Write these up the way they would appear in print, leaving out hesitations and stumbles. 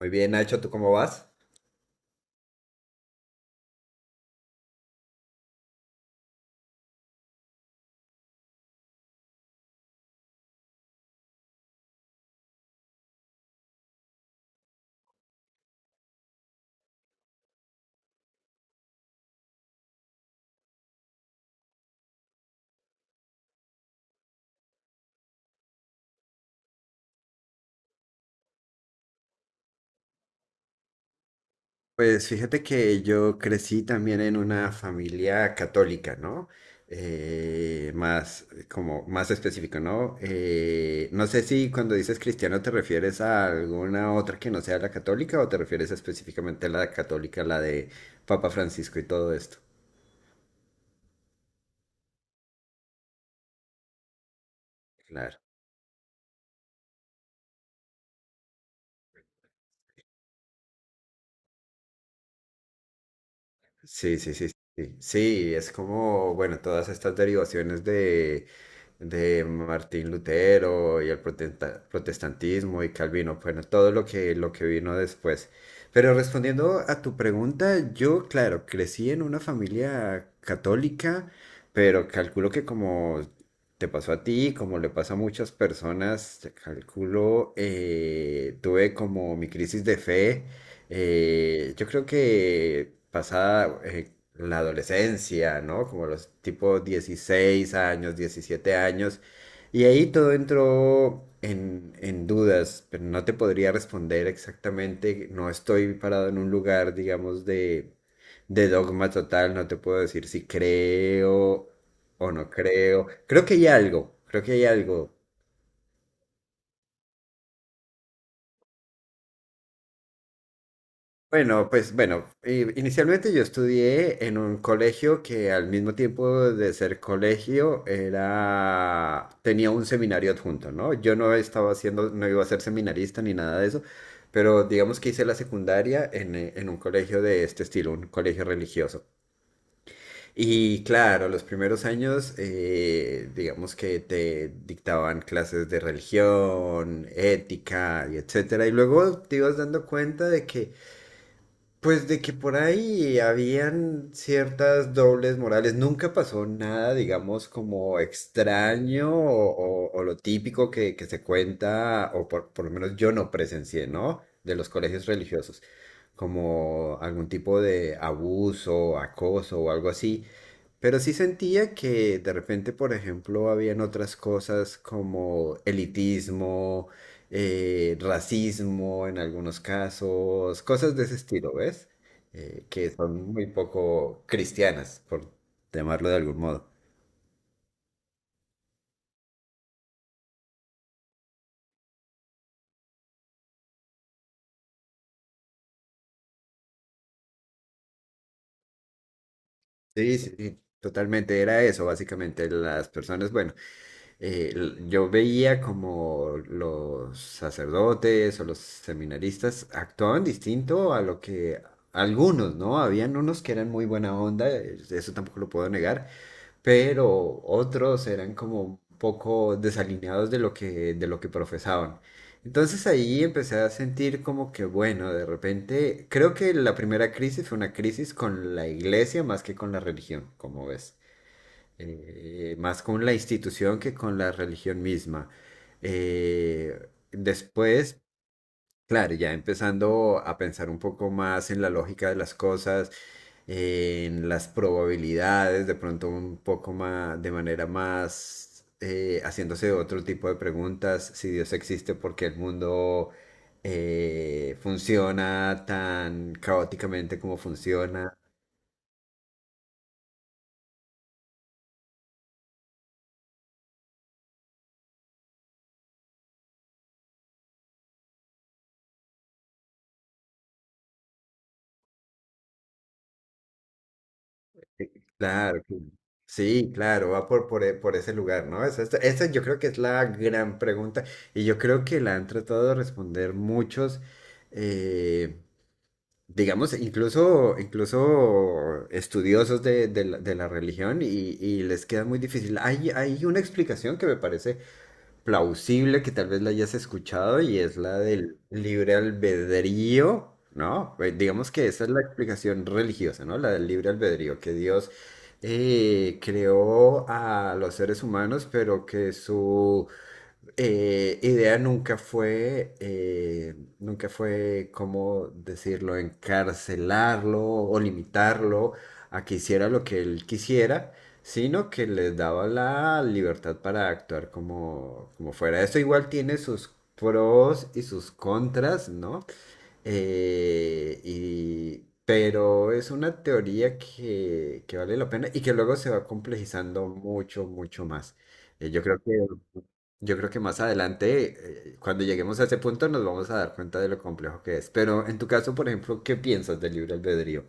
Muy bien, Nacho, ¿tú cómo vas? Pues fíjate que yo crecí también en una familia católica, ¿no? Más, como más específico, ¿no? No sé si cuando dices cristiano te refieres a alguna otra que no sea la católica o te refieres específicamente a la católica, la de Papa Francisco y todo esto. Claro. Sí, sí, sí, sí. Sí, es como, bueno, todas estas derivaciones de Martín Lutero y el protestantismo y Calvino, bueno, todo lo que, vino después. Pero respondiendo a tu pregunta, yo, claro, crecí en una familia católica, pero calculo que como te pasó a ti, como le pasa a muchas personas, calculo, tuve como mi crisis de fe yo creo que pasada la adolescencia, ¿no? Como los tipo 16 años, 17 años, y ahí todo entró en dudas, pero no te podría responder exactamente, no estoy parado en un lugar, digamos, de dogma total, no te puedo decir si creo o no creo, creo que hay algo, creo que hay algo. Bueno, pues bueno, inicialmente yo estudié en un colegio que al mismo tiempo de ser colegio era tenía un seminario adjunto, ¿no? Yo no estaba haciendo, no iba a ser seminarista ni nada de eso, pero digamos que hice la secundaria en un colegio de este estilo, un colegio religioso. Y claro, los primeros años, digamos que te dictaban clases de religión, ética y etcétera, y luego te ibas dando cuenta de que pues de que por ahí habían ciertas dobles morales, nunca pasó nada, digamos, como extraño o lo típico que se cuenta, o por lo menos yo no presencié, ¿no? De los colegios religiosos como algún tipo de abuso, acoso o algo así. Pero sí sentía que de repente, por ejemplo, habían otras cosas como elitismo, racismo en algunos casos, cosas de ese estilo, ¿ves? Que son muy poco cristianas, por llamarlo de algún modo. Sí, sí, sí, totalmente era eso, básicamente. Las personas, bueno. Yo veía como los sacerdotes o los seminaristas actuaban distinto a lo que algunos, ¿no? Habían unos que eran muy buena onda, eso tampoco lo puedo negar, pero otros eran como un poco desalineados de lo que, profesaban. Entonces ahí empecé a sentir como que, bueno, de repente, creo que la primera crisis fue una crisis con la iglesia más que con la religión, como ves más con la institución que con la religión misma. Eh, Después, claro, ya empezando a pensar un poco más en la lógica de las cosas, en las probabilidades, de pronto un poco más, de manera más, haciéndose otro tipo de preguntas, si Dios existe, por qué el mundo funciona tan caóticamente como funciona. Claro, claro. Sí, claro, va por ese lugar, ¿no? Esa yo creo que es la gran pregunta y yo creo que la han tratado de responder muchos, eh, digamos, incluso estudiosos de la religión y les queda muy difícil. Hay una explicación que me parece plausible que tal vez la hayas escuchado y es la del libre albedrío, ¿no? Digamos que esa es la explicación religiosa, ¿no? La del libre albedrío, que Dios creó a los seres humanos, pero que su idea nunca fue, ¿cómo decirlo?, encarcelarlo o limitarlo a que hiciera lo que él quisiera, sino que les daba la libertad para actuar como fuera. Esto igual tiene sus pros y sus contras, ¿no? Eh, y, pero es una teoría que vale la pena y que luego se va complejizando mucho, mucho más. Eh, yo creo que yo creo que más adelante, cuando lleguemos a ese punto, nos vamos a dar cuenta de lo complejo que es. Pero en tu caso, por ejemplo, ¿qué piensas del libre albedrío?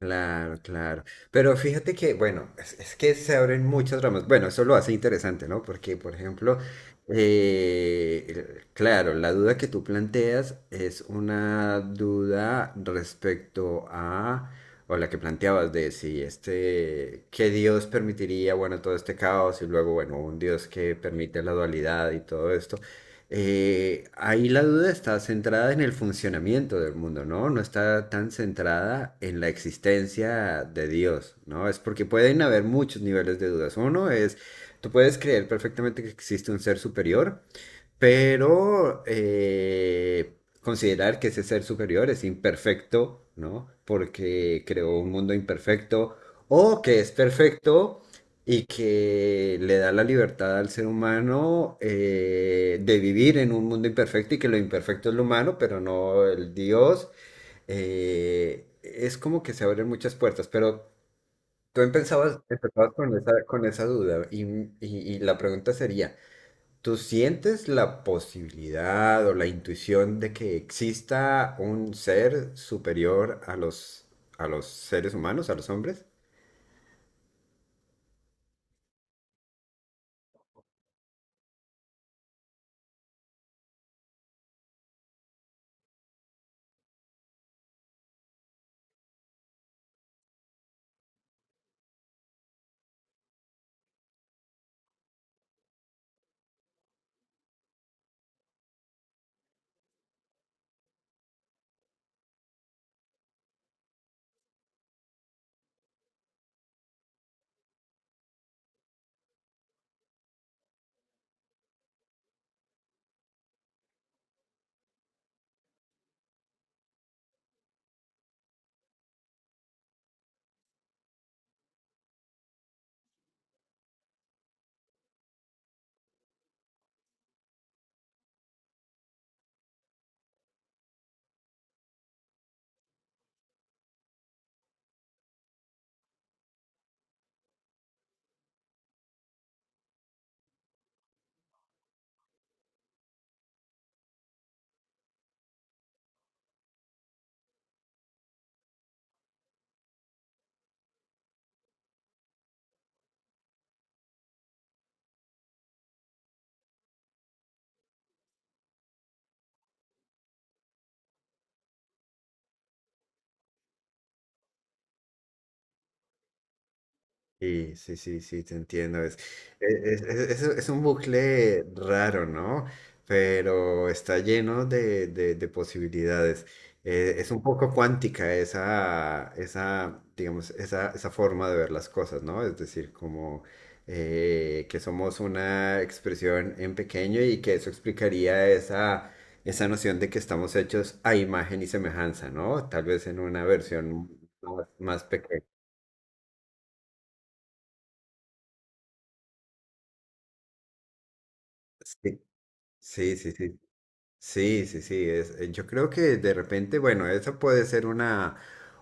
Claro, claro. Pero fíjate que, bueno, es que se abren muchas ramas. Bueno, eso lo hace interesante, ¿no? Porque, por ejemplo, claro, la duda que tú planteas es una duda respecto a, o la que planteabas de si este, que Dios permitiría, bueno, todo este caos y luego, bueno, un Dios que permite la dualidad y todo esto ahí la duda está centrada en el funcionamiento del mundo, ¿no? No está tan centrada en la existencia de Dios, ¿no? Es porque pueden haber muchos niveles de dudas. Uno es, tú puedes creer perfectamente que existe un ser superior, pero considerar que ese ser superior es imperfecto, ¿no? Porque creó un mundo imperfecto, o que es perfecto y que le da la libertad al ser humano de vivir en un mundo imperfecto y que lo imperfecto es lo humano, pero no el Dios. Es como que se abren muchas puertas, pero tú empezabas con esa, duda y la pregunta sería... ¿Tú sientes la posibilidad o la intuición de que exista un ser superior a los seres humanos, a los hombres? Sí, sí, sí, sí, te entiendo. Es, e, es, es un bucle raro, ¿no? Pero está lleno de, posibilidades. Es un poco cuántica digamos, esa forma de ver las cosas, ¿no? Es decir, como que somos una expresión en pequeño y que eso explicaría esa, esa noción de que estamos hechos a imagen y semejanza, ¿no? Tal vez en una versión más, más pequeña. Sí, sí, sí, sí. Sí, sí, sí, yo creo que de repente, bueno, esa puede ser una,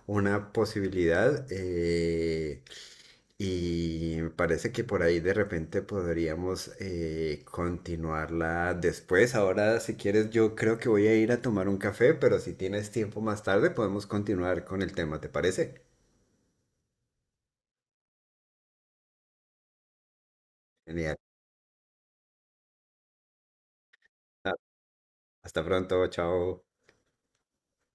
una posibilidad y me parece que por ahí de repente podríamos continuarla después. Ahora, si quieres, yo creo que voy a ir a tomar un café, pero si tienes tiempo más tarde podemos continuar con el tema, ¿te parece? Genial. Ah, Hasta pronto, chao.